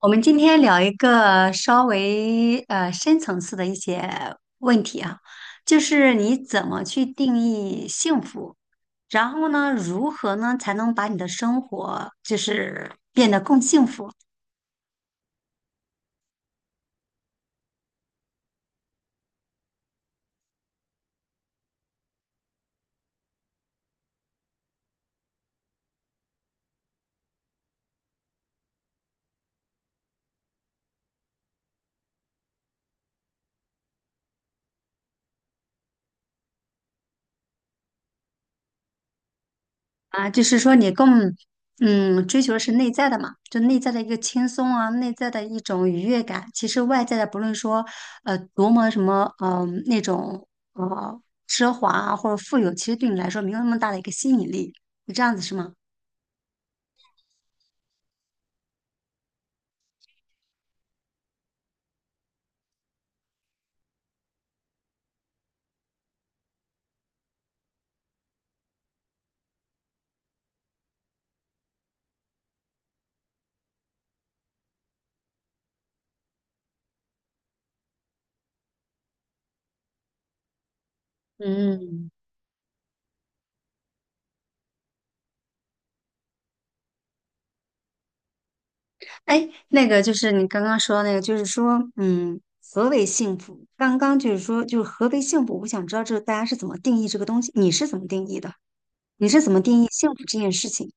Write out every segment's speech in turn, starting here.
我们今天聊一个稍微深层次的一些问题啊，就是你怎么去定义幸福，然后呢，如何呢才能把你的生活就是变得更幸福？啊，就是说你更追求的是内在的嘛，就内在的一个轻松啊，内在的一种愉悦感。其实外在的，不论说多么什么那种呃奢华啊或者富有，其实对你来说没有那么大的一个吸引力。是这样子是吗？嗯。哎，那个就是你刚刚说的那个，就是说何为幸福？刚刚就是何为幸福？我想知道这大家是怎么定义这个东西，你是怎么定义的？你是怎么定义幸福这件事情？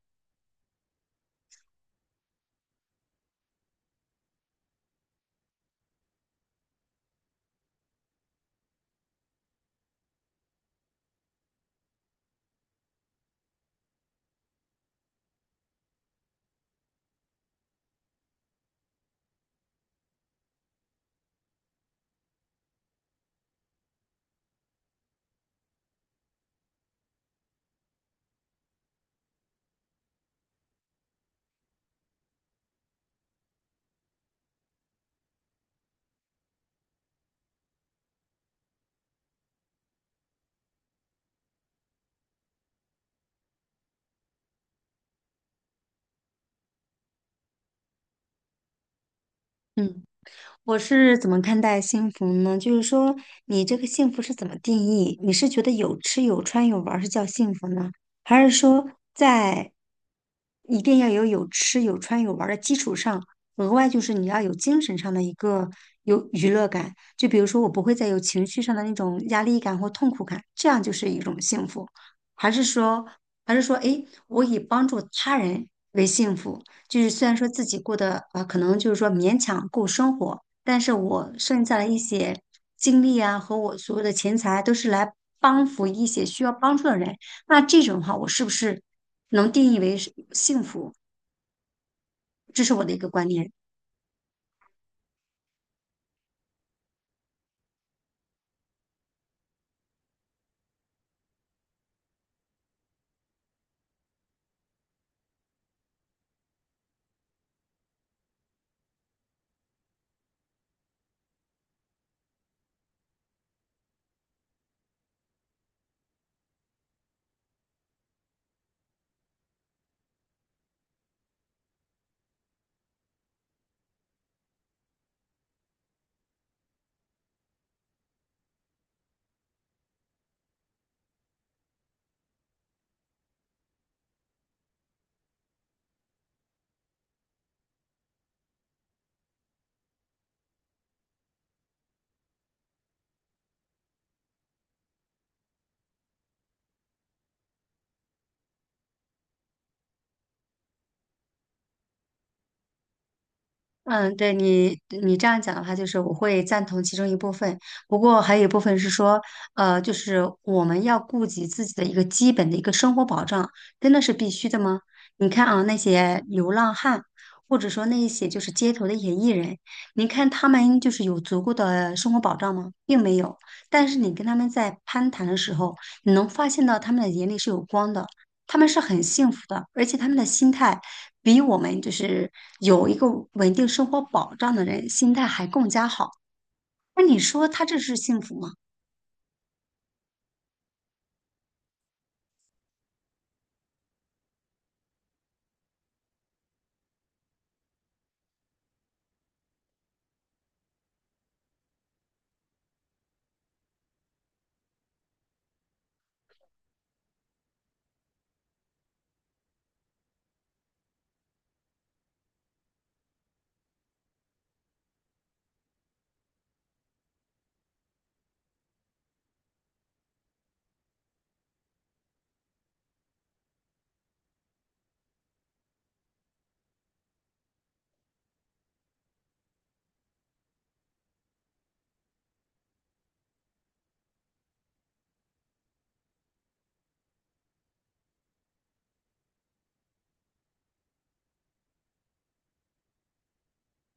嗯。我是怎么看待幸福呢？就是说，你这个幸福是怎么定义？你是觉得有吃有穿有玩儿是叫幸福呢，还是说在一定要有有吃有穿有玩儿的基础上，额外就是你要有精神上的一个有娱乐感？就比如说，我不会再有情绪上的那种压力感或痛苦感，这样就是一种幸福，还是说，还是说，诶，我以帮助他人为幸福？就是虽然说自己过得啊，可能就是说勉强够生活，但是我剩下的一些精力啊和我所有的钱财都是来帮扶一些需要帮助的人，那这种的话，我是不是能定义为是幸福？这是我的一个观念。嗯，对你这样讲的话，就是我会赞同其中一部分，不过还有一部分是说，就是我们要顾及自己的一个基本的一个生活保障，真的是必须的吗？你看啊，那些流浪汉，或者说那一些就是街头的演艺人，你看他们就是有足够的生活保障吗？并没有。但是你跟他们在攀谈的时候，你能发现到他们的眼里是有光的，他们是很幸福的，而且他们的心态，比我们就是有一个稳定生活保障的人心态还更加好。那你说他这是幸福吗？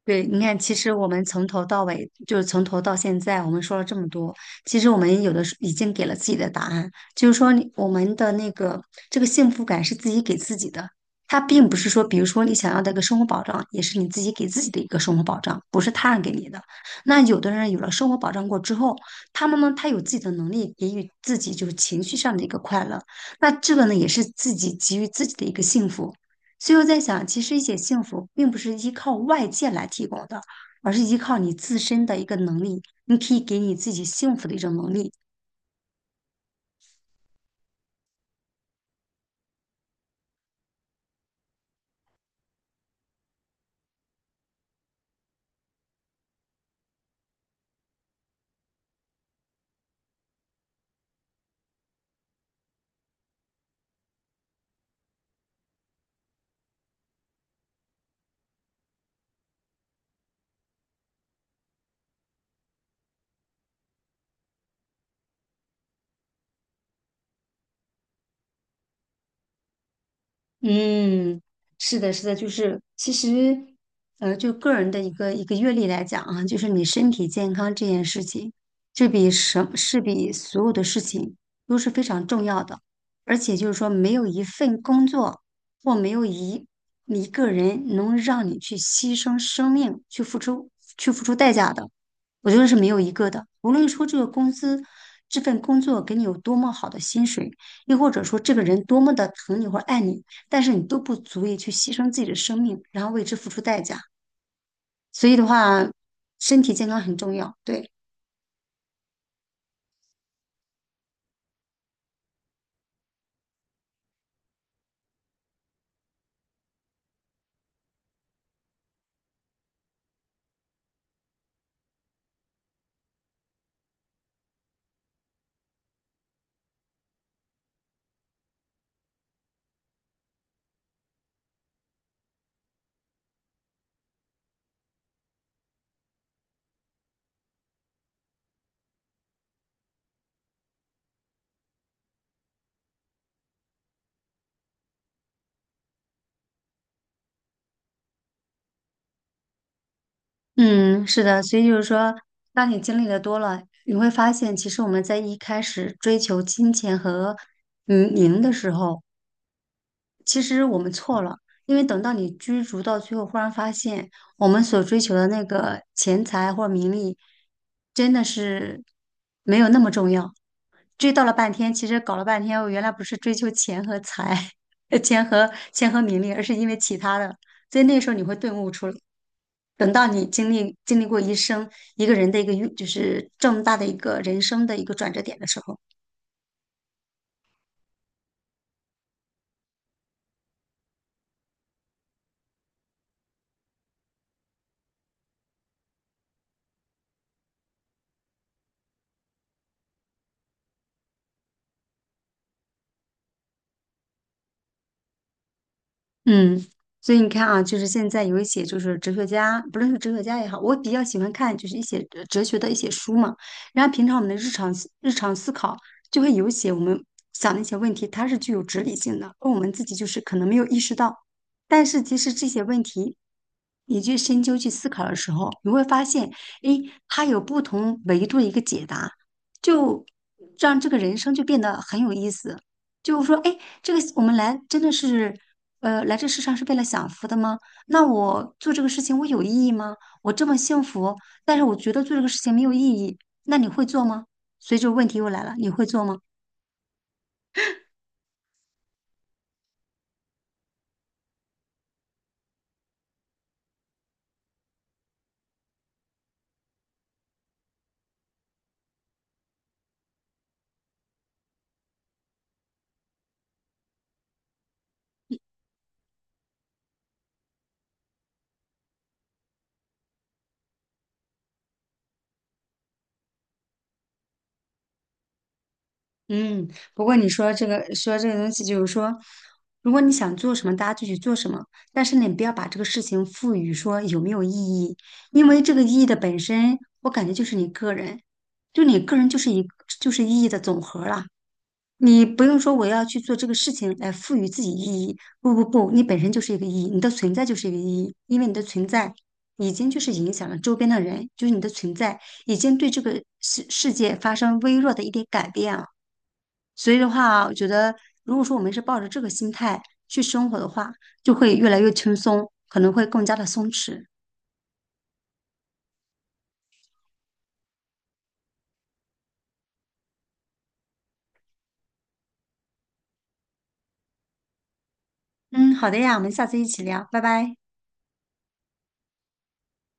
对，你看，其实我们从头到尾，就是从头到现在，我们说了这么多，其实我们有的时候已经给了自己的答案，就是说你我们的那个这个幸福感是自己给自己的，它并不是说，比如说你想要的一个生活保障，也是你自己给自己的一个生活保障，不是他人给你的。那有的人有了生活保障过之后，他们呢，他有自己的能力给予自己就是情绪上的一个快乐，那这个呢，也是自己给予自己的一个幸福。所以我在想，其实一些幸福并不是依靠外界来提供的，而是依靠你自身的一个能力，你可以给你自己幸福的一种能力。嗯，是的，是的，就是其实，就个人的一个阅历来讲啊，就是你身体健康这件事情，这是比所有的事情都是非常重要的，而且就是说，没有一份工作或没有一个人能让你去牺牲生命去付出代价的，我觉得是没有一个的。无论说这个公司这份工作给你有多么好的薪水。又或者说这个人多么的疼你或者爱你，但是你都不足以去牺牲自己的生命，然后为之付出代价。所以的话，身体健康很重要。对。嗯，是的。所以就是说，当你经历的多了，你会发现，其实我们在一开始追求金钱和名的时候，其实我们错了。因为等到你追逐到最后，忽然发现我们所追求的那个钱财或者名利，真的是没有那么重要。追到了半天，其实搞了半天，我原来不是追求钱和财，钱和名利，而是因为其他的。所以那时候你会顿悟出来。等到你经历过一生一个人的一个运，就是这么大的一个人生的一个转折点的时候。嗯，所以你看啊，就是现在有一些就是哲学家，不论是哲学家也好，我比较喜欢看就是一些哲学的一些书嘛。然后平常我们的日常思考就会有一些我们想的一些问题，它是具有哲理性的，而我们自己就是可能没有意识到。但是其实这些问题，你去深究去思考的时候，你会发现，诶，它有不同维度的一个解答，就让这个人生就变得很有意思。就是说，哎，这个我们来真的是，来这世上是为了享福的吗？那我做这个事情我有意义吗？我这么幸福，但是我觉得做这个事情没有意义，那你会做吗？所以这个问题又来了，你会做吗？嗯，不过你说这个东西，就是说，如果你想做什么，大家就去做什么，但是你不要把这个事情赋予说有没有意义，因为这个意义的本身，我感觉就是你个人，就你个人就是一就是意义的总和了。你不用说我要去做这个事情来赋予自己意义，不不不，你本身就是一个意义，你的存在就是一个意义，因为你的存在已经就是影响了周边的人，就是你的存在已经对这个世界发生微弱的一点改变了。所以的话，我觉得如果说我们是抱着这个心态去生活的话，就会越来越轻松，可能会更加的松弛。嗯，好的呀，我们下次一起聊，拜拜。